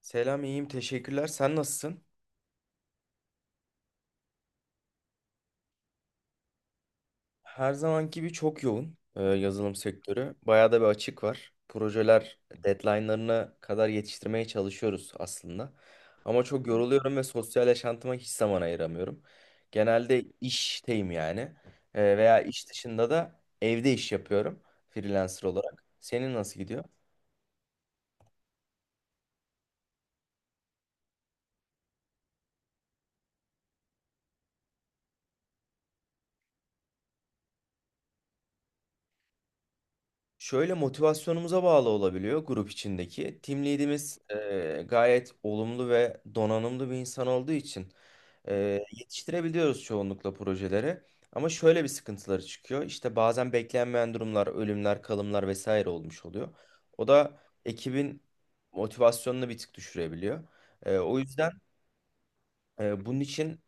Selam, iyiyim. Teşekkürler. Sen nasılsın? Her zamanki gibi çok yoğun yazılım sektörü. Bayağı da bir açık var. Projeler deadline'larına kadar yetiştirmeye çalışıyoruz aslında. Ama çok yoruluyorum ve sosyal yaşantıma hiç zaman ayıramıyorum. Genelde işteyim yani. Veya iş dışında da evde iş yapıyorum freelancer olarak. Senin nasıl gidiyor? Şöyle motivasyonumuza bağlı olabiliyor grup içindeki. Team lead'imiz gayet olumlu ve donanımlı bir insan olduğu için e, yetiştirebiliyoruz çoğunlukla projeleri. Ama şöyle bir sıkıntıları çıkıyor. İşte bazen beklenmeyen durumlar, ölümler, kalımlar vesaire olmuş oluyor. O da ekibin motivasyonunu bir tık düşürebiliyor. O yüzden bunun için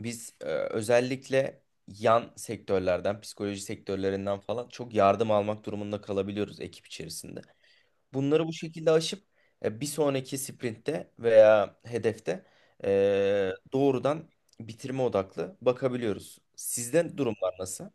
biz özellikle yan sektörlerden, psikoloji sektörlerinden falan çok yardım almak durumunda kalabiliyoruz ekip içerisinde. Bunları bu şekilde aşıp bir sonraki sprintte veya hedefte doğrudan bitirme odaklı bakabiliyoruz. Sizde durumlar nasıl?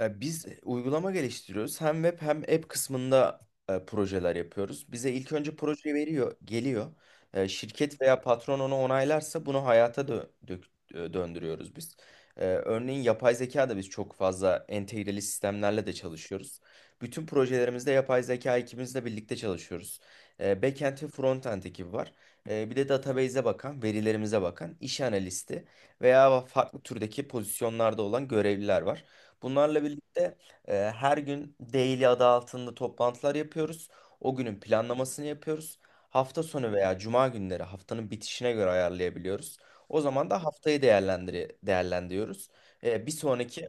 Biz uygulama geliştiriyoruz. Hem web hem app kısmında projeler yapıyoruz. Bize ilk önce proje veriyor, geliyor. Şirket veya patron onu onaylarsa bunu hayata döndürüyoruz biz. Örneğin yapay zeka da biz çok fazla entegreli sistemlerle de çalışıyoruz. Bütün projelerimizde yapay zeka ekibimizle birlikte çalışıyoruz. Backend ve frontend ekibi var. Bir de database'e bakan, verilerimize bakan iş analisti veya farklı türdeki pozisyonlarda olan görevliler var. Bunlarla birlikte her gün daily adı altında toplantılar yapıyoruz. O günün planlamasını yapıyoruz. Hafta sonu veya cuma günleri haftanın bitişine göre ayarlayabiliyoruz. O zaman da haftayı değerlendiriyoruz. Bir sonraki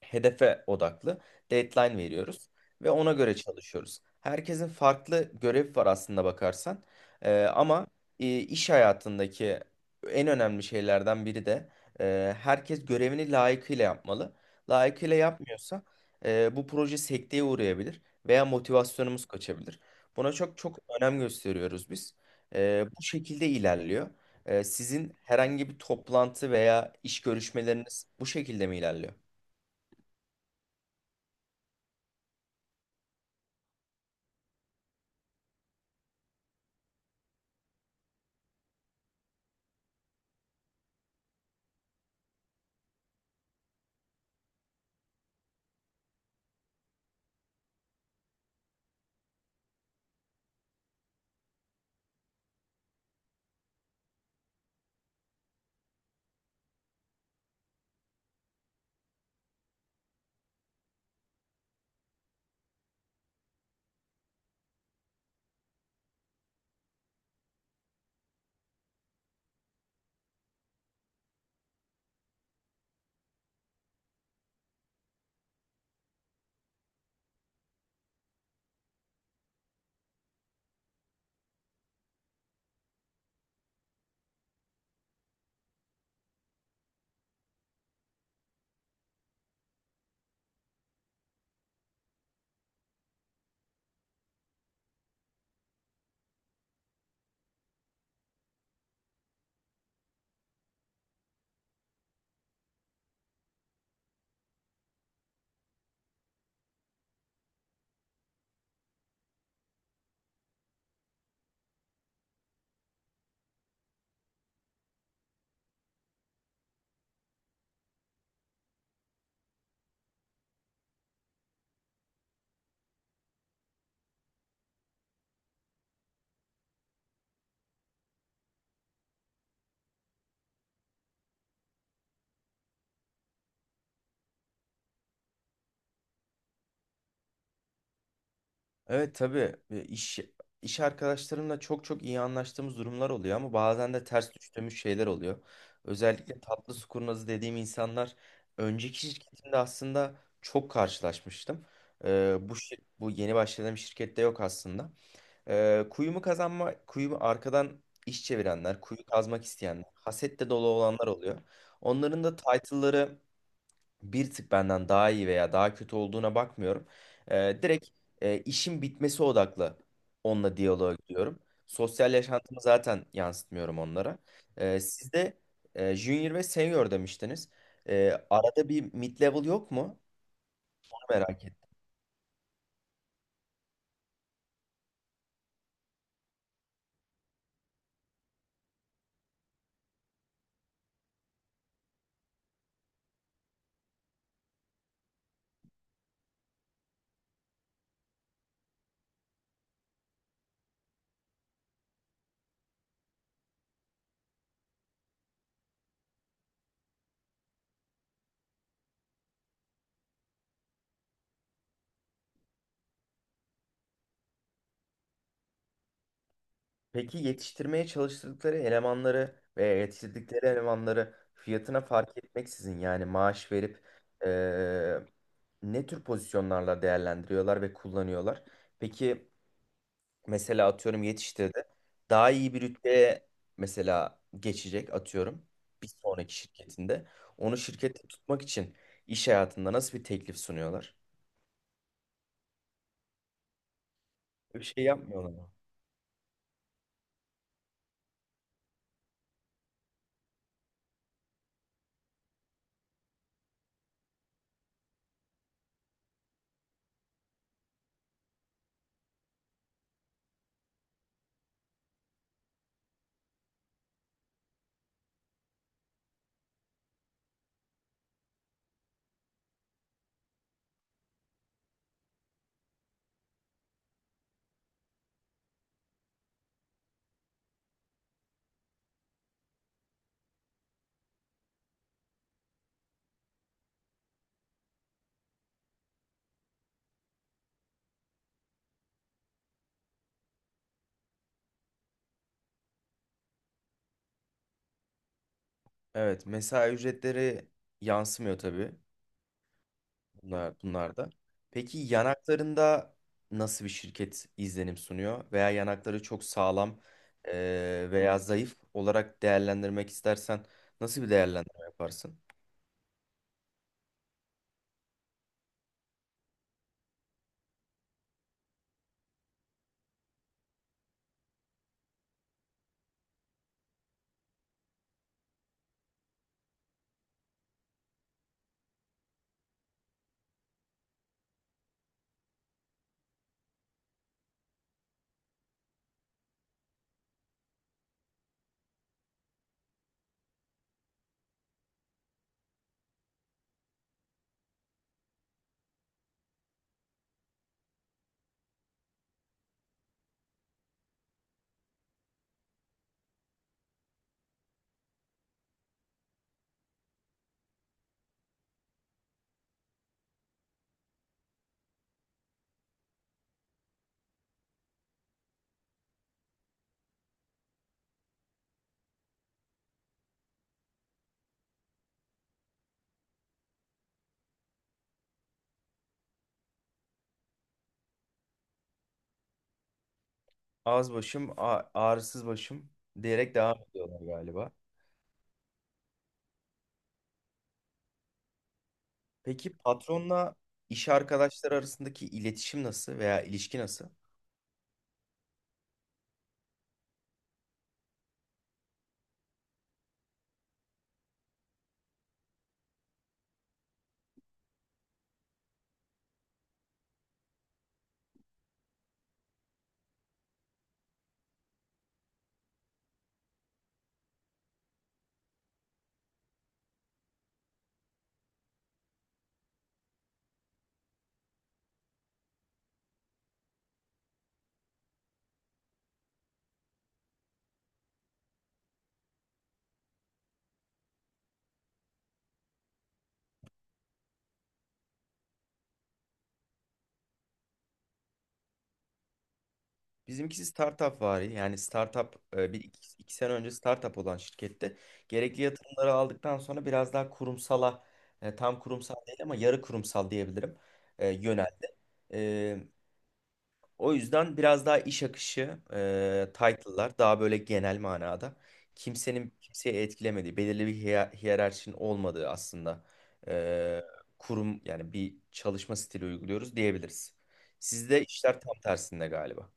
hedefe odaklı deadline veriyoruz ve ona göre çalışıyoruz. Herkesin farklı görevi var aslında bakarsan. Ama iş hayatındaki en önemli şeylerden biri de herkes görevini layıkıyla yapmalı. Layıkıyla yapmıyorsa bu proje sekteye uğrayabilir veya motivasyonumuz kaçabilir. Buna çok çok önem gösteriyoruz biz. Bu şekilde ilerliyor. Sizin herhangi bir toplantı veya iş görüşmeleriniz bu şekilde mi ilerliyor? Evet tabii. İş arkadaşlarımla çok çok iyi anlaştığımız durumlar oluyor ama bazen de ters düştüğümüz şeyler oluyor. Özellikle tatlı su kurnazı dediğim insanlar önceki şirketimde aslında çok karşılaşmıştım. Bu yeni başladığım şirkette yok aslında. Kuyumu kazanma, kuyumu arkadan iş çevirenler, kuyu kazmak isteyenler, hasetle dolu olanlar oluyor. Onların da title'ları bir tık benden daha iyi veya daha kötü olduğuna bakmıyorum. Direkt işin bitmesi odaklı onunla diyaloğa gidiyorum. Sosyal yaşantımı zaten yansıtmıyorum onlara. Siz de junior ve senior demiştiniz. Arada bir mid level yok mu? Onu merak ettim. Peki yetiştirmeye çalıştıkları elemanları veya yetiştirdikleri elemanları fiyatına fark etmeksizin yani maaş verip e, ne tür pozisyonlarla değerlendiriyorlar ve kullanıyorlar? Peki, mesela atıyorum yetiştirdi. Daha iyi bir rütbeye mesela geçecek atıyorum bir sonraki şirketinde. Onu şirkette tutmak için iş hayatında nasıl bir teklif sunuyorlar? Öyle bir şey yapmıyorlar mı? Evet, mesai ücretleri yansımıyor tabii bunlar, bunlarda. Peki yanaklarında nasıl bir şirket izlenim sunuyor? Veya yanakları çok sağlam veya zayıf olarak değerlendirmek istersen nasıl bir değerlendirme yaparsın? Ağız başım, ağrısız başım diyerek devam ediyorlar galiba. Peki patronla iş arkadaşları arasındaki iletişim nasıl veya ilişki nasıl? Bizimkisi startup vari, yani startup bir iki, iki sene önce startup olan şirkette gerekli yatırımları aldıktan sonra biraz daha kurumsala tam kurumsal değil ama yarı kurumsal diyebilirim, yöneldi. E, O yüzden biraz daha iş akışı, title'lar daha böyle genel manada kimsenin kimseyi etkilemediği, belirli bir hiyerarşinin olmadığı aslında e, kurum yani bir çalışma stili uyguluyoruz diyebiliriz. Sizde işler tam tersinde galiba.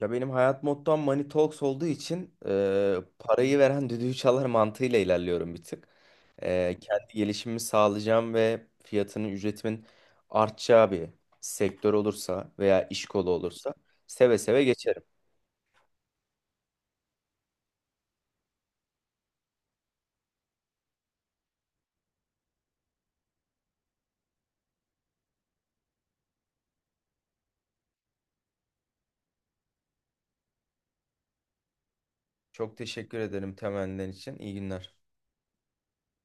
Ya benim hayat mottom Money Talks olduğu için parayı veren düdüğü çalar mantığıyla ilerliyorum bir tık. Kendi gelişimimi sağlayacağım ve fiyatının, ücretimin artacağı bir sektör olursa veya iş kolu olursa seve seve geçerim. Çok teşekkür ederim temennilerin için. İyi günler.